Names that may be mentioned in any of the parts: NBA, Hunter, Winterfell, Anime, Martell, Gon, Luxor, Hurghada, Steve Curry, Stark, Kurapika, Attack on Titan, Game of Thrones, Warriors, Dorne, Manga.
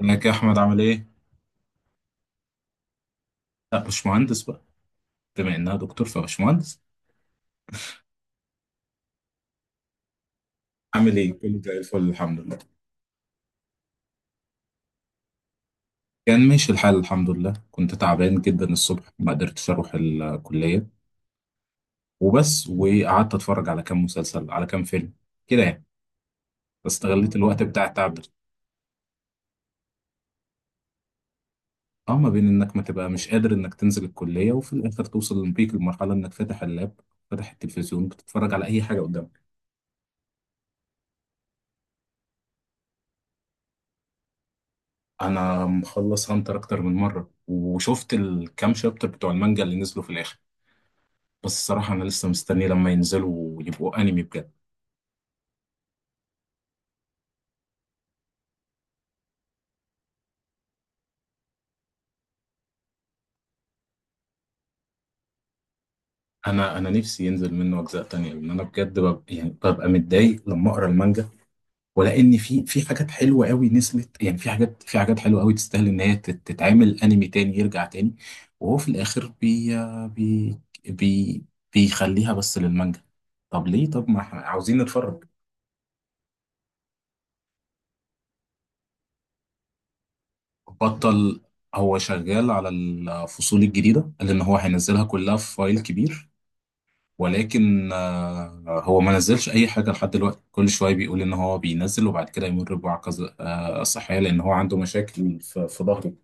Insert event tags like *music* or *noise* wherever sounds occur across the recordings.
ازيك يا احمد؟ عامل ايه؟ لا مش مهندس بقى. بما انها دكتور فمش مهندس. عامل ايه؟ كله زي الفل الحمد لله. كان ماشي الحال الحمد لله. كنت تعبان جدا الصبح ما قدرتش اروح الكلية وبس، وقعدت اتفرج على كام مسلسل، على كام فيلم، كده يعني. استغليت الوقت بتاع التعب ده. اه، ما بين انك ما تبقى مش قادر انك تنزل الكلية، وفي الاخر توصل بيك لمرحلة انك فاتح اللاب، فاتح التلفزيون، بتتفرج على اي حاجة قدامك. انا مخلص هانتر اكتر من مرة، وشفت الكام شابتر بتوع المانجا اللي نزلوا في الاخر. بس الصراحة أنا لسه مستني لما ينزلوا ويبقوا أنمي بجد. أنا نفسي ينزل منه أجزاء تانية، لأن أنا بجد ببقى يعني ببقى متضايق لما أقرأ المانجا. ولأن في حاجات حلوة قوي نزلت، يعني في حاجات حلوة قوي تستاهل إن هي تتعمل أنمي تاني، يرجع تاني. وهو في الآخر بي بي بي بيخليها بس للمانجا. طب ليه؟ طب ما إحنا عاوزين نتفرج. بطل، هو شغال على الفصول الجديدة، لأن هو هينزلها كلها في فايل كبير. ولكن هو ما نزلش اي حاجه لحد دلوقتي. كل شويه بيقول ان هو بينزل، وبعد كده يمر بوعكه صحيه، لان هو عنده مشاكل في ظهره.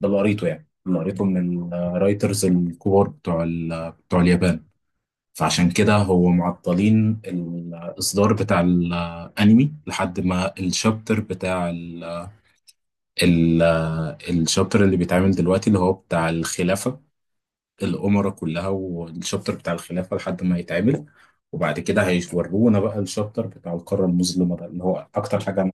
ده اللي قريته، يعني اللي قريته من الرايترز الكبار بتوع اليابان. فعشان كده هو معطلين الاصدار بتاع الانمي لحد ما الشابتر بتاع ال- ال- آه، الشابتر اللي بيتعمل دلوقتي اللي هو بتاع الخلافه، الأمرة كلها. والشابتر بتاع الخلافة لحد ما يتعمل، وبعد كده هيورونا بقى الشابتر بتاع القارة المظلمة، ده اللي هو أكتر حاجة عمل.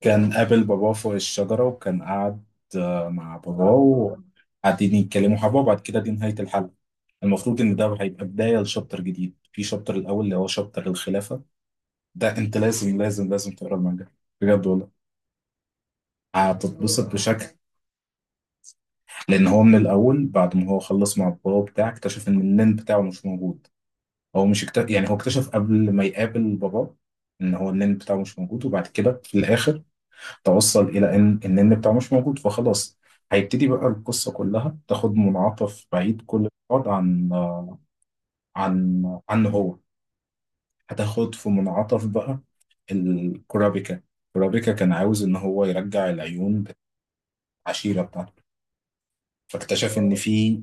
كان قابل باباه فوق الشجرة، وكان قاعد مع باباه وقاعدين يتكلموا حبة، وبعد كده دي نهاية الحلقة. المفروض إن ده هيبقى بداية لشابتر جديد، في شابتر الأول اللي هو شابتر الخلافة. ده أنت لازم لازم لازم تقرا المانجا، بجد والله. هتتبسط بشكل، لأن هو من الأول بعد ما هو خلص مع باباه بتاعه اكتشف إن النين بتاعه مش موجود. هو مش اكت... يعني هو اكتشف قبل ما يقابل باباه ان هو النن بتاعه مش موجود، وبعد كده في الاخر توصل الى ان النن بتاعه مش موجود، فخلاص هيبتدي بقى القصة كلها تاخد منعطف بعيد كل بعد عن عنه هو. هتاخد في منعطف بقى. الكورابيكا، كورابيكا كان عاوز ان هو يرجع العيون بتاع العشيرة بتاعته، فاكتشف ان في،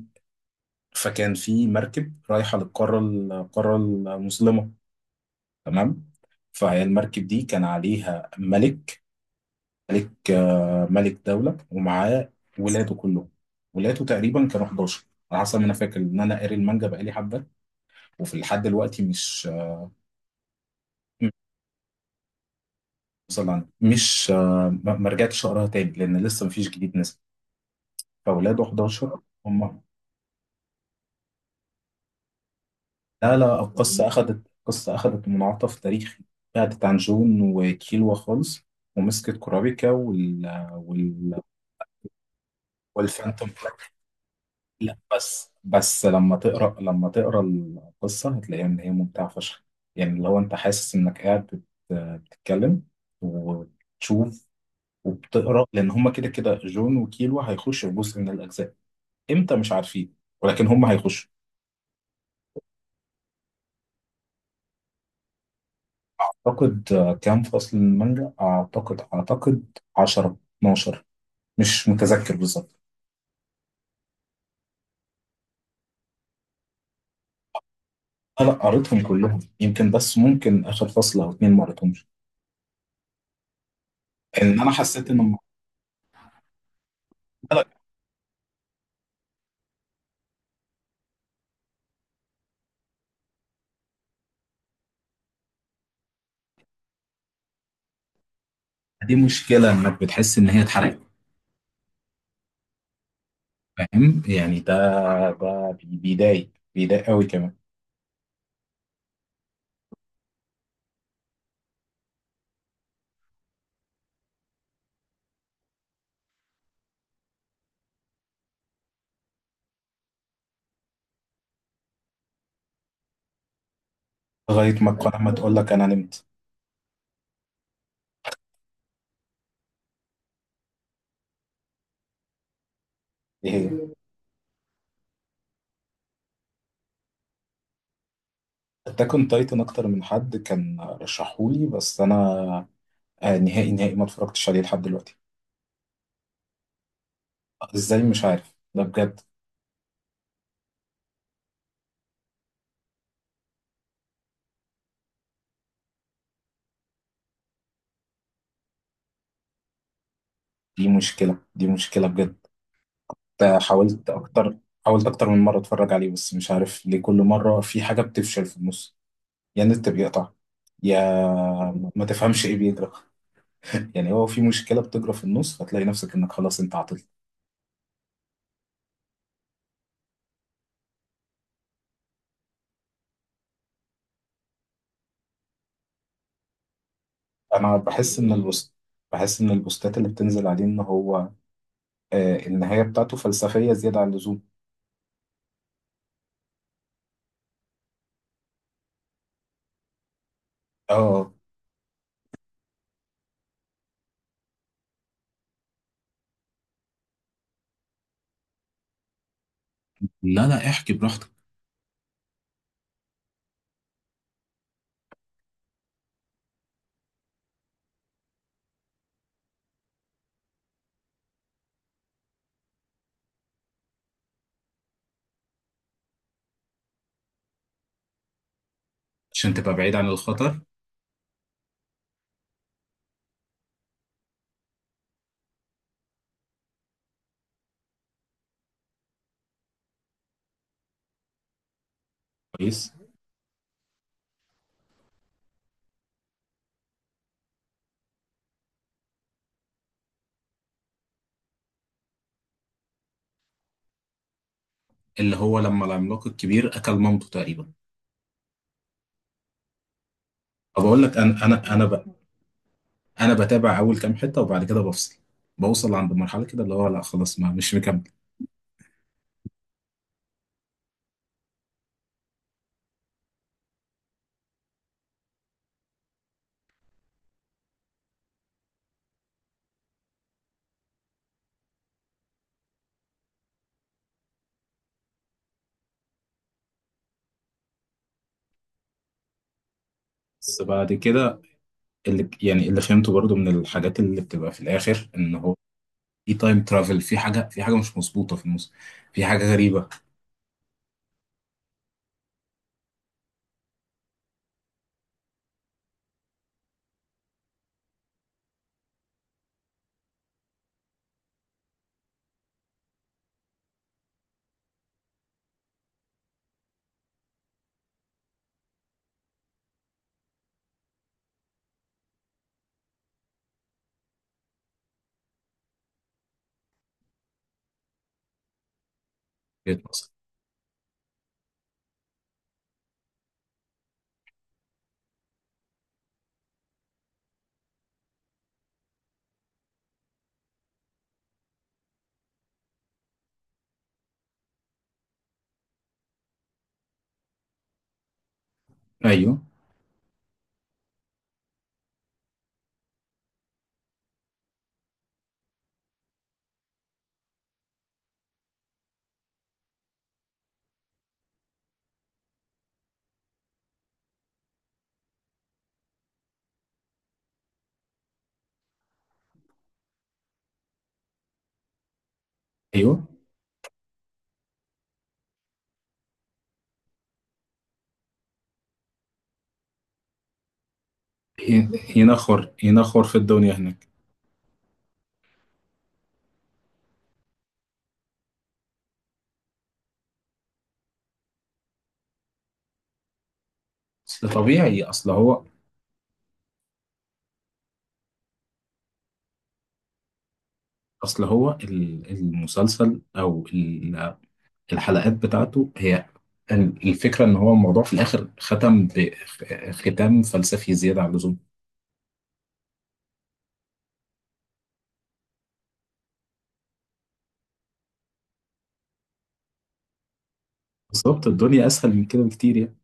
فكان في مركب رايحة للقارة، القارة المظلمة، تمام. فهي المركب دي كان عليها ملك، ملك ملك دولة، ومعاه ولاده كلهم. ولاده تقريبا كانوا 11 على حسب ما انا فاكر، ان انا قاري المانجا بقالي حبه، وفي لحد دلوقتي مش وصل عنها. مش آه، ما رجعتش اقراها تاني لان لسه مفيش جديد نزل. فولاده 11. هم، لا لا، القصه اخذت منعطف تاريخي. بعدت عن جون وكيلوا خالص، ومسكت كورابيكا والفانتوم. لا، بس لما تقرا، لما تقرا القصه هتلاقيها ان هي ممتعه فشخ. يعني اللي هو انت حاسس انك قاعد بتتكلم وبتشوف وبتقرا، لان هما كده كده جون وكيلو هيخشوا في جزء من الاجزاء. امتى مش عارفين، ولكن هما هيخشوا. اعتقد، كام فصل من المانجا؟ اعتقد، اعتقد 10، 12. مش متذكر بالظبط. آه، لا قريتهم كلهم، يمكن بس ممكن اخر فصل او اتنين ما قريتهمش. ان انا حسيت ان الموضوع- لا، دي مشكله انك بتحس ان هي اتحرقت. فاهم يعني؟ ده، ده بيضايق، بيضايق قوي كمان. لغايه ما القناه ما تقول لك انا نمت. ايه هي؟ اتاك اون تايتن اكتر من حد كان رشحولي، بس انا نهائي نهائي ما اتفرجتش عليه لحد دلوقتي. ازاي؟ مش عارف ده بجد. دي مشكله، دي مشكله بجد. ده حاولت اكتر حاولت اكتر من مره اتفرج عليه، بس مش عارف ليه كل مره في حاجه بتفشل في النص. يا النت بيقطع، يا ما تفهمش ايه بيجرى. يعني هو في مشكله بتجرى في النص، فتلاقي نفسك انك خلاص انت عطلت. انا بحس ان البوست بحس ان البوستات اللي بتنزل عليه ان هو النهايه بتاعته فلسفيه زياده عن اللزوم. اه، لا لا، احكي براحتك. عشان تبقى بعيد عن الخطر. كويس. اللي هو لما العملاق الكبير اكل مامته تقريبا. فبقول لك انا بتابع اول كام حته وبعد كده بفصل. بوصل عند مرحله كده اللي هو لا خلاص ما مش مكمل. بس بعد كده اللي يعني اللي فهمته برضو من الحاجات اللي بتبقى في الاخر ان هو في تايم ترافل. في حاجه، في حاجه مش مظبوطه في النص. في حاجه غريبه. ايوه، ايوه ي- ينخر في الدنيا هناك. اصل طبيعي. اصل هو المسلسل او الحلقات بتاعته، هي الفكره ان هو الموضوع في الاخر ختم بختام فلسفي زياده عن اللزوم. بالظبط، الدنيا اسهل من كده بكتير يعني.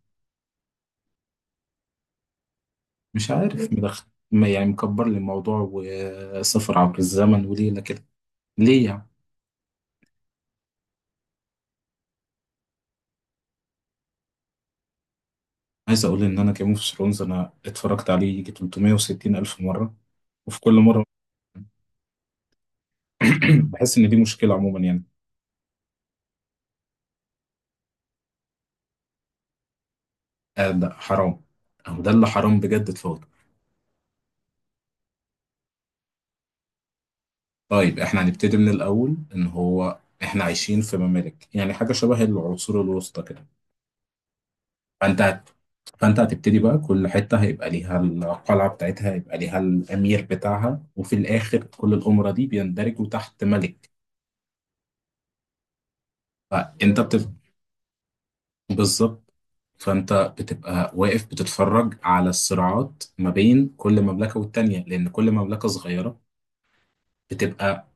مش عارف مدخل. ما يعني مكبر لي الموضوع، وسفر عبر الزمن وليله كده. ليه يعني. عايز اقول ان انا جيم اوف ثرونز انا اتفرجت عليه يجي 360 الف مره، وفي كل مره *clears throat* بحس ان دي مشكله عموما يعني. آه، ده حرام، او ده اللي حرام بجد، اتفضل. طيب احنا هنبتدي من الاول. ان هو احنا عايشين في ممالك يعني، حاجه شبه العصور الوسطى كده. فانت هت... فانت هتبتدي بقى، كل حته هيبقى ليها القلعه بتاعتها، هيبقى ليها الامير بتاعها، وفي الاخر كل الامره دي بيندرجوا تحت ملك. فانت بت... بالظبط. فانت بتبقى واقف بتتفرج على الصراعات ما بين كل مملكه والتانيه، لان كل مملكه صغيره بتبقى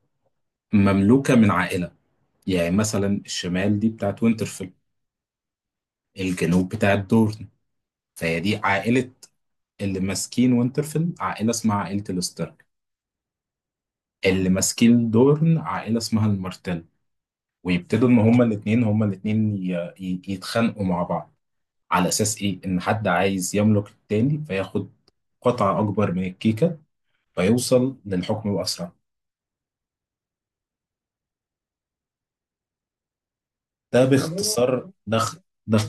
مملوكة من عائلة. يعني مثلا الشمال دي بتاعت وينترفيل، الجنوب بتاعت دورن. فهي دي عائلة. اللي ماسكين وينترفيل عائلة اسمها عائلة الستارك. اللي ماسكين دورن عائلة اسمها المارتل. ويبتدوا ان هما الاتنين يتخانقوا مع بعض. على اساس ايه؟ ان حد عايز يملك التاني، فياخد قطعة اكبر من الكيكة، فيوصل للحكم باسرع. ده باختصار. ده ده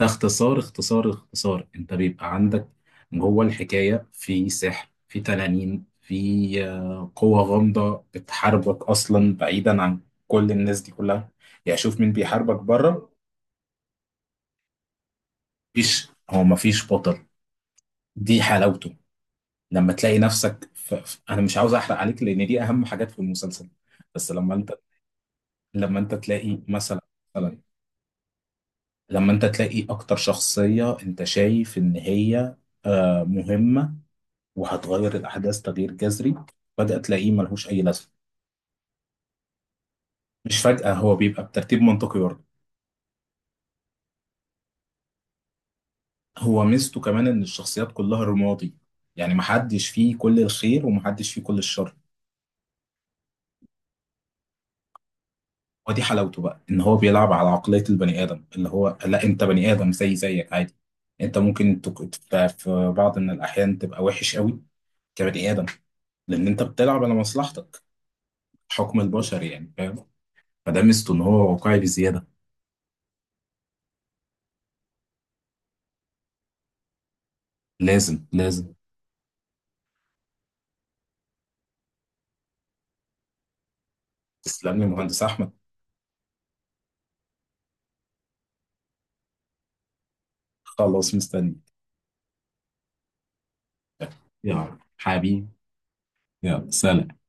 اختصار اختصار اختصار. انت بيبقى عندك جوه الحكاية في سحر، في تنانين، في قوة غامضة بتحاربك أصلا بعيدا عن كل الناس دي كلها. يعني شوف مين بيحاربك بره. مفيش، هو مفيش بطل. دي حلاوته. لما تلاقي نفسك أنا مش عاوز أحرق عليك، لأن دي أهم حاجات في المسلسل. بس لما أنت، لما أنت تلاقي مثلا مثلا لما أنت تلاقي أكتر شخصية أنت شايف إن هي مهمة وهتغير الأحداث تغيير جذري، بدأ تلاقيه ملهوش أي لازمة. مش فجأة، هو بيبقى بترتيب منطقي برضه. هو ميزته كمان إن الشخصيات كلها رمادي، يعني محدش فيه كل الخير ومحدش فيه كل الشر. ودي حلاوته بقى، إن هو بيلعب على عقلية البني آدم اللي هو لا أنت بني آدم زي زيك عادي. أنت ممكن في بعض من الأحيان تبقى وحش قوي كبني آدم، لأن أنت بتلعب على مصلحتك. حكم البشر يعني. فاهم؟ فده ميزته إن هو واقعي بزيادة. لازم لازم. تسلم لي مهندس أحمد. خلاص مستني. يلا حبيبي. يلا سلام.